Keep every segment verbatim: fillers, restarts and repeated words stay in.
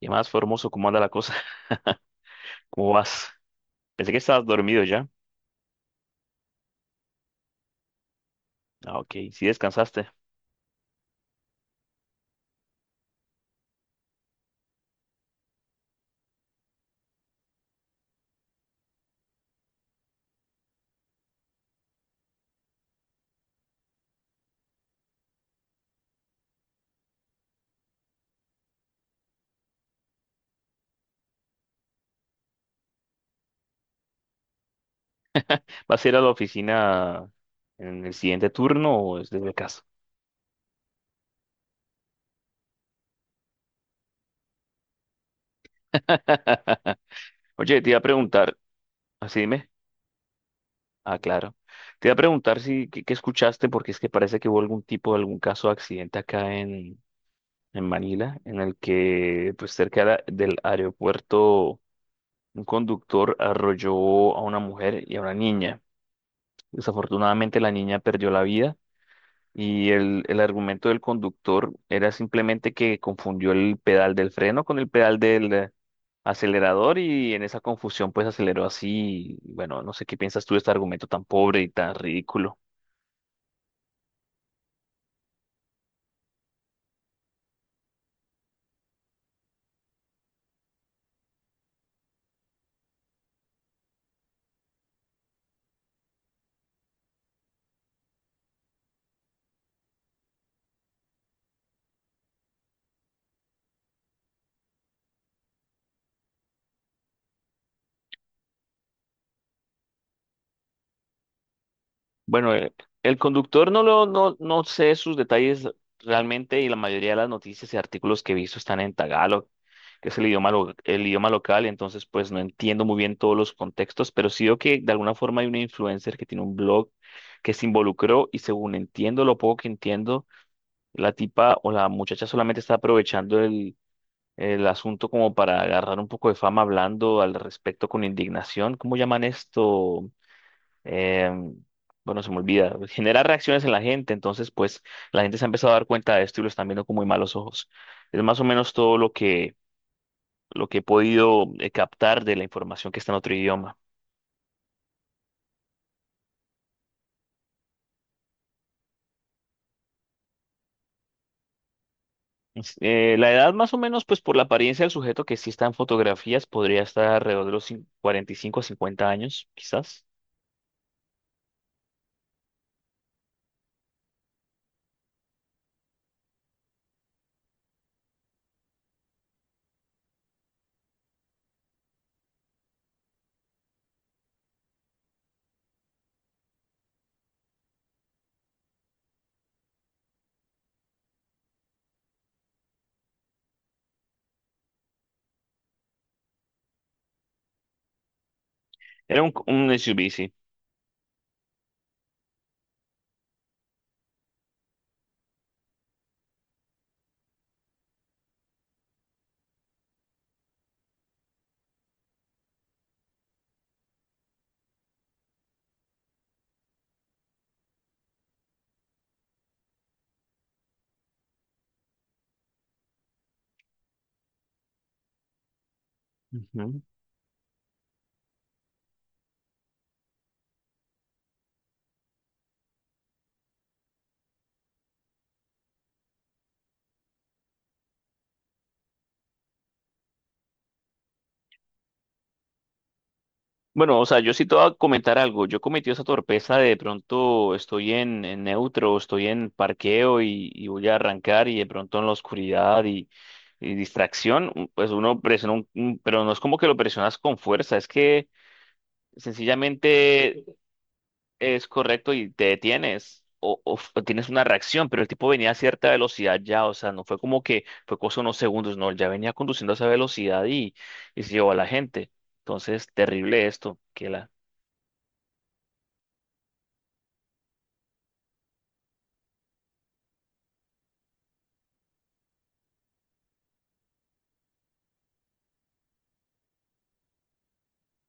¿Qué más, Formoso? ¿Cómo anda la cosa? ¿Cómo vas? Pensé que estabas dormido ya. Ah, ok, sí descansaste. ¿Vas a ir a la oficina en el siguiente turno o es desde casa? Oye, te iba a preguntar, así dime. Ah, claro. Te iba a preguntar si qué, qué escuchaste, porque es que parece que hubo algún tipo, algún caso de accidente acá en, en Manila, en el que, pues cerca de la- del aeropuerto, un conductor arrolló a una mujer y a una niña. Desafortunadamente la niña perdió la vida. Y el, el argumento del conductor era simplemente que confundió el pedal del freno con el pedal del eh, acelerador, y en esa confusión pues aceleró así. Y bueno, no sé qué piensas tú de este argumento tan pobre y tan ridículo. Bueno, eh, el conductor no lo, no, no sé sus detalles realmente, y la mayoría de las noticias y artículos que he visto están en tagalo, que es el idioma, lo- el idioma local, entonces pues no entiendo muy bien todos los contextos, pero sí veo que de alguna forma hay una influencer que tiene un blog que se involucró, y según entiendo, lo poco que entiendo, la tipa o la muchacha solamente está aprovechando el, el asunto como para agarrar un poco de fama hablando al respecto con indignación. ¿Cómo llaman esto? em, bueno, se me olvida, genera reacciones en la gente, entonces pues la gente se ha empezado a dar cuenta de esto y lo están viendo con muy malos ojos. Es más o menos todo lo que, lo que he podido eh, captar de la información que está en otro idioma. Es- eh, la edad más o menos, pues por la apariencia del sujeto que sí está en fotografías, podría estar alrededor de los cin- cuarenta y cinco a cincuenta años, quizás. Era un, un S U V, sí. Ujú. Bueno, o sea, yo sí te voy a comentar algo. Yo cometí esa torpeza de, de pronto estoy en, en neutro, estoy en parqueo, y, y voy a arrancar y de pronto en la oscuridad y, y distracción, u- pues uno presiona un, un- pero no es como que lo presionas con fuerza, es que sencillamente es correcto y te detienes o, o f- o tienes una reacción, pero el tipo venía a cierta velocidad ya, o sea, no fue como que fue cosa de unos segundos, no, él ya venía conduciendo a esa velocidad y, y se llevó a la gente. Entonces, terrible esto, que la...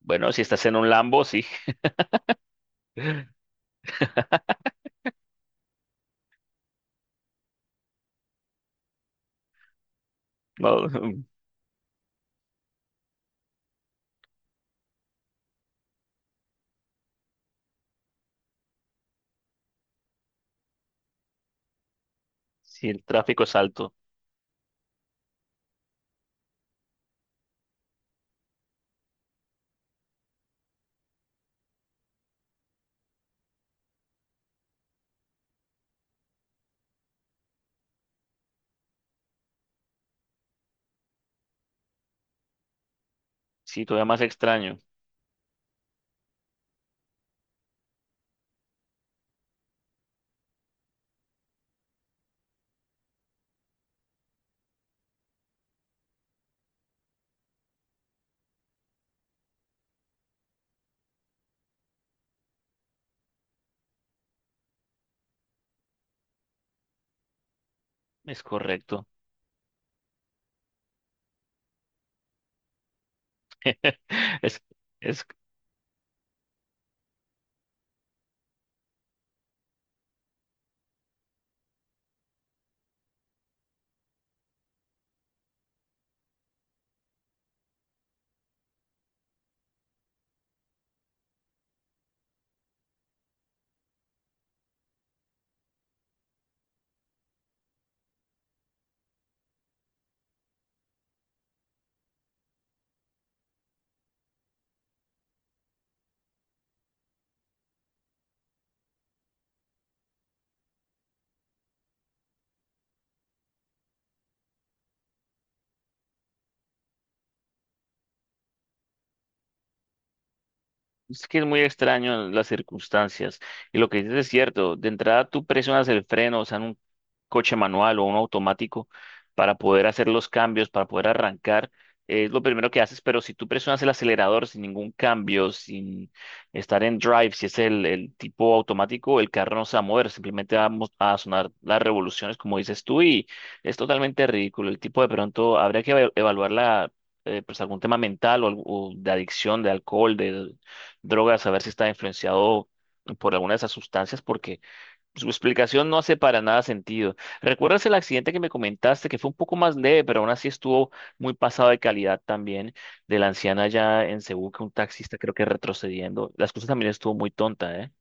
Bueno, si estás en un Lambo, sí. No, si el tráfico es alto. Sí, todavía más extraño. Es correcto. Es, es Es que es muy extraño las circunstancias. Y lo que dices es cierto. De entrada, tú presionas el freno, o sea, en un coche manual o un automático, para poder hacer los cambios, para poder arrancar. Es lo primero que haces, pero si tú presionas el acelerador sin ningún cambio, sin estar en drive, si es el, el tipo automático, el carro no se va a mover, simplemente va a mos- a sonar las revoluciones, como dices tú, y es totalmente ridículo. El tipo de pronto habría que eva- evaluar la eh, pues algún tema mental o, algo- o de adicción, de alcohol, de drogas, a ver si está influenciado por alguna de esas sustancias, porque su explicación no hace para nada sentido. ¿Recuerdas el accidente que me comentaste, que fue un poco más leve, pero aún así estuvo muy pasado de calidad también, de la anciana allá en Cebú que un taxista creo que retrocediendo? Las cosas también estuvo muy tonta, ¿eh?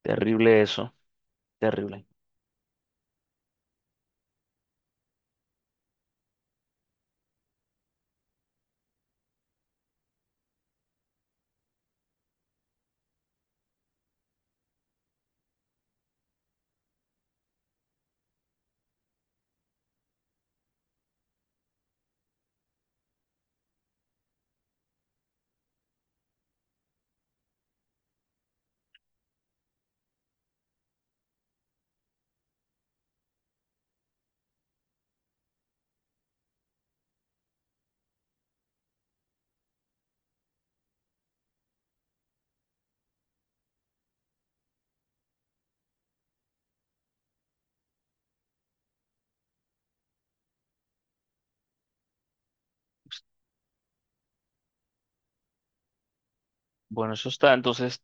Terrible eso, terrible. Bueno, eso está. Entonces,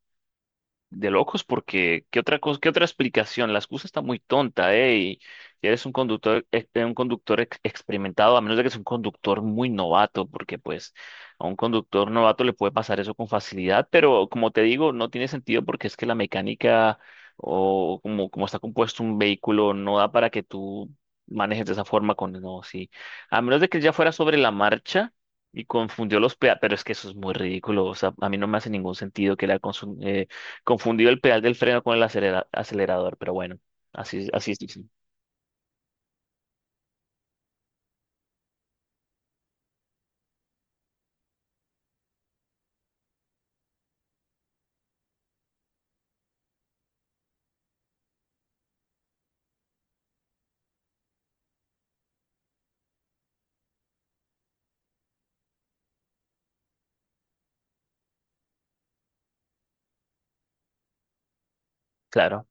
de locos porque ¿qué otra cosa, qué otra explicación? La excusa está muy tonta, ¿eh? Y si eres un conductor, ex- un conductor ex- experimentado, a menos de que es un conductor muy novato, porque pues a un conductor novato le puede pasar eso con facilidad, pero como te digo, no tiene sentido porque es que la mecánica o como, como está compuesto un vehículo no da para que tú manejes de esa forma con, no, sí. A menos de que ya fuera sobre la marcha. Y confundió los peatones, pero es que eso es muy ridículo, o sea, a mí no me hace ningún sentido que la... Confundido el pedal del freno con el acelera- acelerador, pero bueno, así, así es difícil. Claro.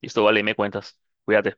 Listo, vale, me cuentas. Cuídate.